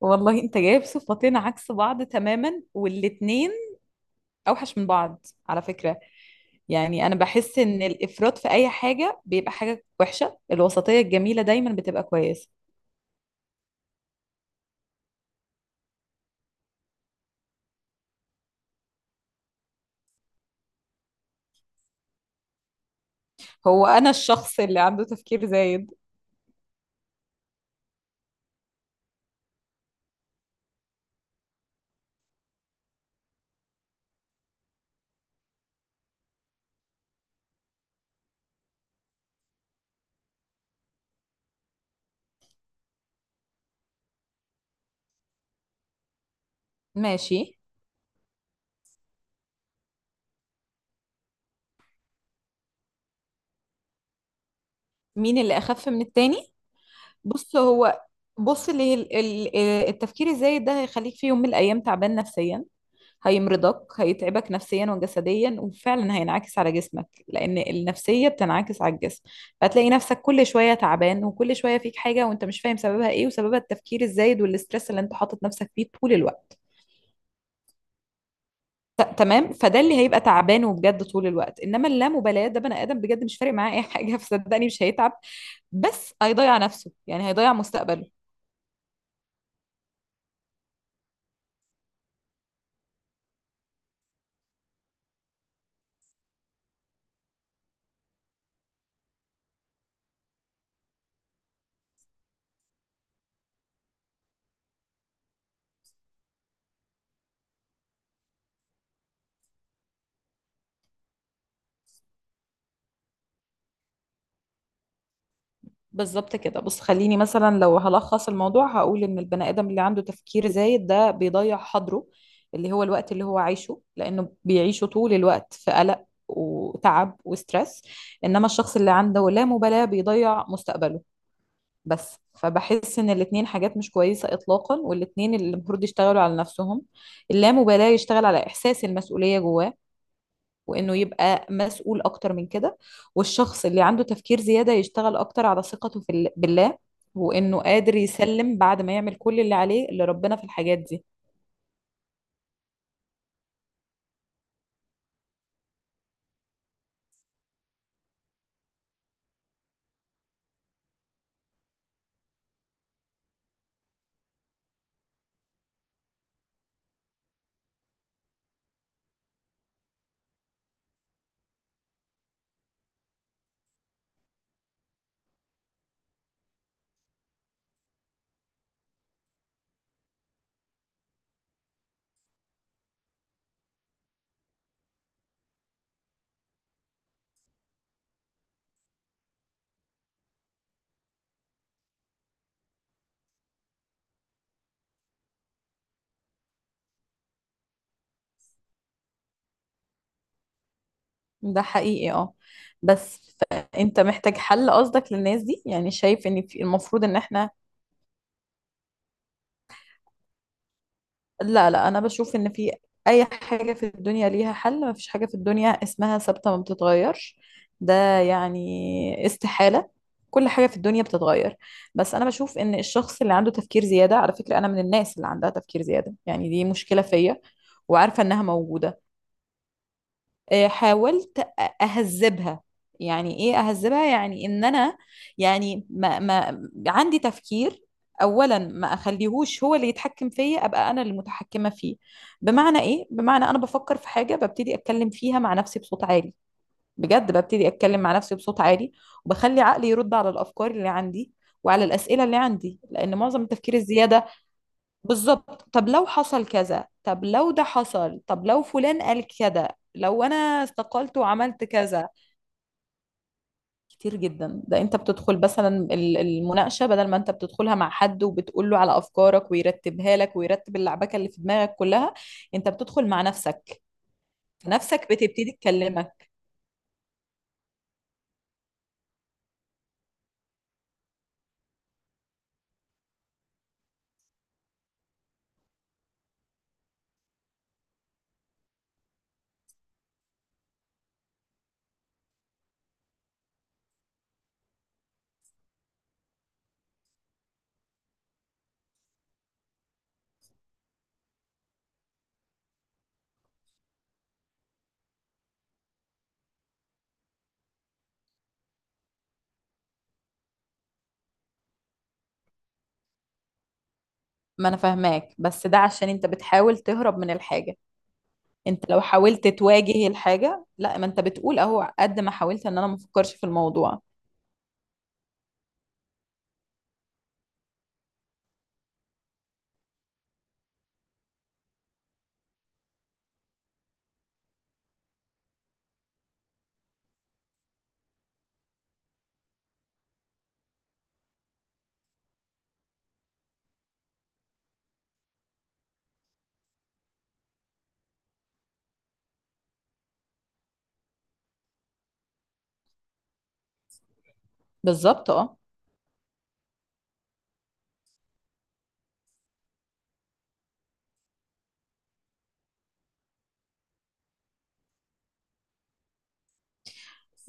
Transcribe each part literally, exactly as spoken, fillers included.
والله انت جايب صفتين عكس بعض تماما، والاتنين اوحش من بعض على فكرة. يعني انا بحس ان الافراط في اي حاجة بيبقى حاجة وحشة. الوسطية الجميلة دايما بتبقى كويسة. هو انا الشخص اللي عنده تفكير زايد. ماشي. مين اللي اخف من التاني؟ بص هو بص اللي ال- ال- التفكير الزايد ده هيخليك في يوم من الايام تعبان نفسيا. هيمرضك، هيتعبك نفسيا وجسديا، وفعلا هينعكس على جسمك لان النفسيه بتنعكس على الجسم. فهتلاقي نفسك كل شويه تعبان وكل شويه فيك حاجه وانت مش فاهم سببها ايه، وسببها التفكير الزايد والاسترس اللي انت حاطط نفسك فيه طول الوقت. ت- تمام فده اللي هيبقى تعبان وبجد طول الوقت. انما اللامبالاه ده بني ادم بجد مش فارق معاه اي حاجه فصدقني مش هيتعب. بس هيضيع نفسه، يعني هيضيع مستقبله. بالظبط كده. بص خليني مثلا لو هلخص الموضوع هقول ان البني ادم اللي عنده تفكير زايد ده بيضيع حاضره، اللي هو الوقت اللي هو عايشه، لانه بيعيشه طول الوقت في قلق وتعب وسترess. انما الشخص اللي عنده لا مبالاة بيضيع مستقبله. بس فبحس ان الاتنين حاجات مش كويسة اطلاقا، والاتنين اللي المفروض يشتغلوا على نفسهم. اللامبالاة يشتغل على احساس المسؤولية جواه، وانه يبقى مسؤول اكتر من كده. والشخص اللي عنده تفكير زيادة يشتغل اكتر على ثقته في ال- بالله، وانه قادر يسلم بعد ما يعمل كل اللي عليه لربنا في الحاجات دي. ده حقيقي اه، بس فانت محتاج حل؟ قصدك للناس دي يعني شايف ان في- المفروض ان احنا... لا لا، انا بشوف ان في. اي حاجة في الدنيا ليها حل، ما فيش حاجة في الدنيا اسمها ثابتة ما بتتغيرش، ده يعني استحالة. كل حاجة في الدنيا بتتغير. بس انا بشوف ان الشخص اللي عنده تفكير زيادة، على فكرة انا من الناس اللي عندها تفكير زيادة، يعني دي مشكلة فيا وعارفة انها موجودة. آه، حاولت أ- اهذبها يعني ايه اهذبها؟ يعني ان انا يعني ما ما عندي تفكير. اولا ما اخليهوش هو اللي يتحكم فيا، ابقى انا اللي متحكمه فيه. بمعنى ايه؟ بمعنى انا بفكر في حاجه ببتدي اتكلم فيها مع نفسي بصوت عالي، بجد ببتدي اتكلم مع نفسي بصوت عالي. وبخلي عقلي يرد على الافكار اللي عندي وعلى الاسئله اللي عندي، لان معظم التفكير الزياده... بالظبط. طب لو حصل كذا، طب لو ده حصل، طب لو فلان قال كذا، لو انا استقلت وعملت كذا. كتير جدا. ده انت بتدخل مثلا ال- المناقشة. بدل ما انت بتدخلها مع حد وبتقول له على افكارك ويرتبها لك ويرتب اللعبكة اللي في دماغك كلها، انت بتدخل مع نفسك. نفسك بتبتدي تكلمك. ما انا فاهماك، بس ده عشان انت بتحاول تهرب من الحاجة. انت لو حاولت تواجه الحاجة، لا، ما انت بتقول اهو قد ما حاولت ان انا ما افكرش في الموضوع. بالظبط.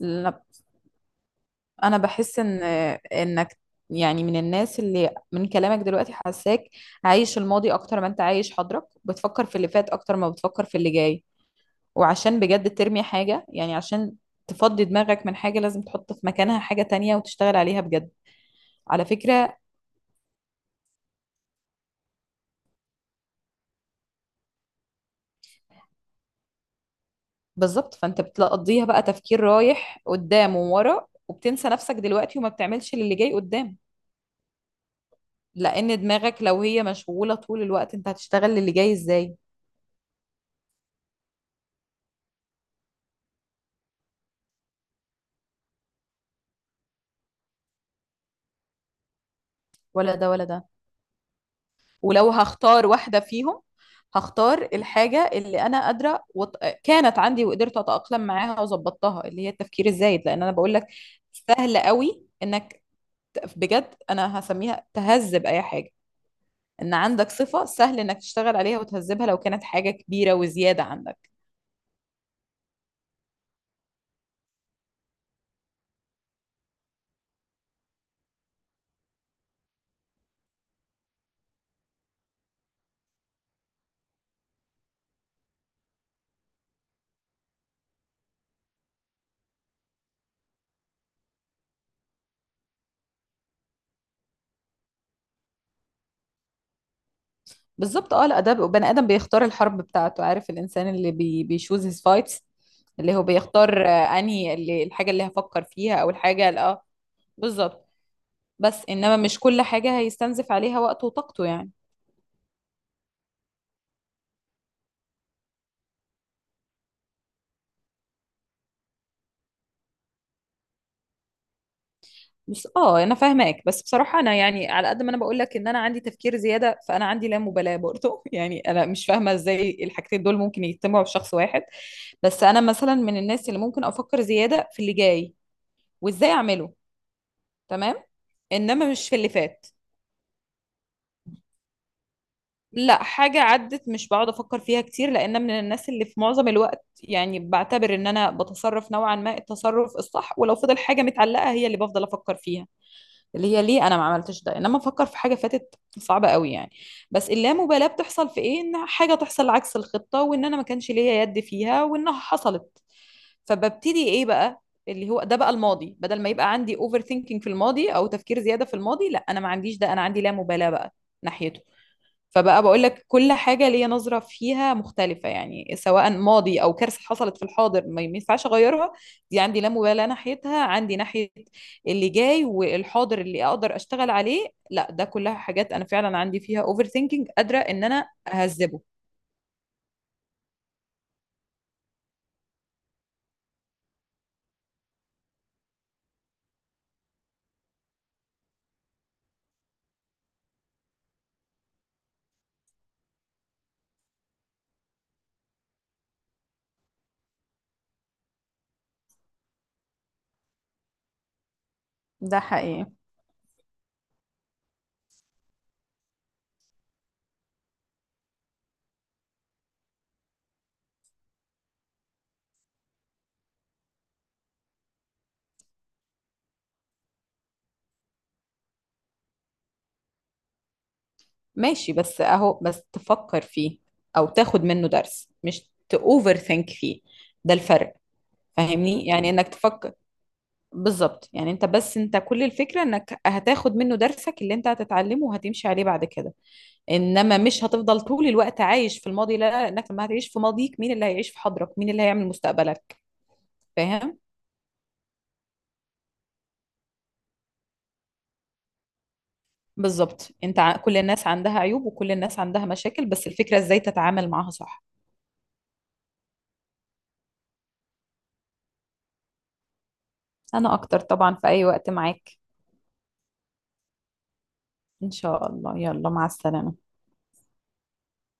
اه انا بحس ان انك يعني من الناس اللي من كلامك دلوقتي حاساك عايش الماضي اكتر ما انت عايش حاضرك. بتفكر في اللي فات اكتر ما بتفكر في اللي جاي. وعشان بجد ترمي حاجة، يعني عشان تفضي دماغك من حاجة لازم تحط في مكانها حاجة تانية وتشتغل عليها بجد. على فكرة بالظبط. فانت بتقضيها بقى تفكير رايح قدام وورا وبتنسى نفسك دلوقتي وما بتعملش للي جاي قدام. لان دماغك لو هي مشغولة طول الوقت انت هتشتغل للي جاي ازاي؟ ولا ده ولا ده. ولو هختار واحدة فيهم هختار الحاجة اللي أنا قادرة وط... كانت عندي وقدرت أتأقلم معاها وظبطتها، اللي هي التفكير الزايد، لأن أنا بقول لك سهل قوي إنك ت- بجد أنا هسميها تهذب أي حاجة. إن عندك صفة سهل إنك تشتغل عليها وتهذبها لو كانت حاجة كبيرة وزيادة عندك. بالظبط. أه الأدب بني آدم بيختار الحرب بتاعته. عارف الإنسان اللي بي... بيشوز هيز فايتس، اللي هو بيختار، آه، أنهي اللي... الحاجة اللي هفكر فيها أو الحاجة ال- اه بالظبط. بس انما مش كل حاجة هيستنزف عليها وقته وطاقته يعني. بس اه انا فاهماك، بس بصراحة انا يعني على قد ما انا بقول لك ان انا عندي تفكير زيادة، فانا عندي لا مبالاة برضه يعني انا مش فاهمة ازاي الحاجتين دول ممكن يجتمعوا في شخص واحد. بس انا مثلا من الناس اللي ممكن افكر زيادة في اللي جاي وازاي اعمله. تمام. انما مش في اللي فات. لا، حاجة عدت مش بقعد أفكر فيها كتير، لأن من الناس اللي في معظم الوقت يعني بعتبر إن أنا بتصرف نوعا ما التصرف الصح. ولو فضل حاجة متعلقة هي اللي بفضل أفكر فيها، اللي هي ليه انا ما عملتش ده. انما افكر في حاجه فاتت صعبه قوي يعني. بس اللامبالاه بتحصل في ايه؟ ان حاجه تحصل عكس الخطه وان انا ما كانش ليا يد فيها وانها حصلت. فببتدي ايه بقى؟ اللي هو ده بقى الماضي. بدل ما يبقى عندي اوفر ثينكينج في الماضي او تفكير زياده في الماضي، لا انا ما عنديش ده، انا عندي لا مبالاه بقى ناحيته. فبقى بقول لك كل حاجة ليا نظرة فيها مختلفة، يعني سواء ماضي أو كارثة حصلت في الحاضر ما ما ينفعش أغيرها، دي عندي لا مبالاة ناحيتها. عندي ناحية اللي جاي والحاضر اللي أقدر أشتغل عليه، لا ده كلها حاجات أنا فعلا عندي فيها أوفر ثينكينج قادرة إن أنا أهذبه. ده حقيقي. ماشي. بس أهو بس تفكر فيه أو تاخد منه درس، مش تأوفر ثينك فيه. ده الفرق. فاهمني يعني إنك تفكر. بالظبط يعني انت بس انت كل الفكرة انك هتاخد منه درسك اللي انت هتتعلمه وهتمشي عليه بعد كده. انما مش هتفضل طول الوقت عايش في الماضي، لا لا، انك لما هتعيش في ماضيك مين اللي هيعيش في حاضرك؟ مين اللي هيعمل مستقبلك؟ فاهم. بالظبط. انت ع- كل الناس عندها عيوب وكل الناس عندها مشاكل، بس الفكرة ازاي تتعامل معاها صح. انا اكتر طبعا في اي وقت معاك. ان شاء الله. يلا مع السلامة.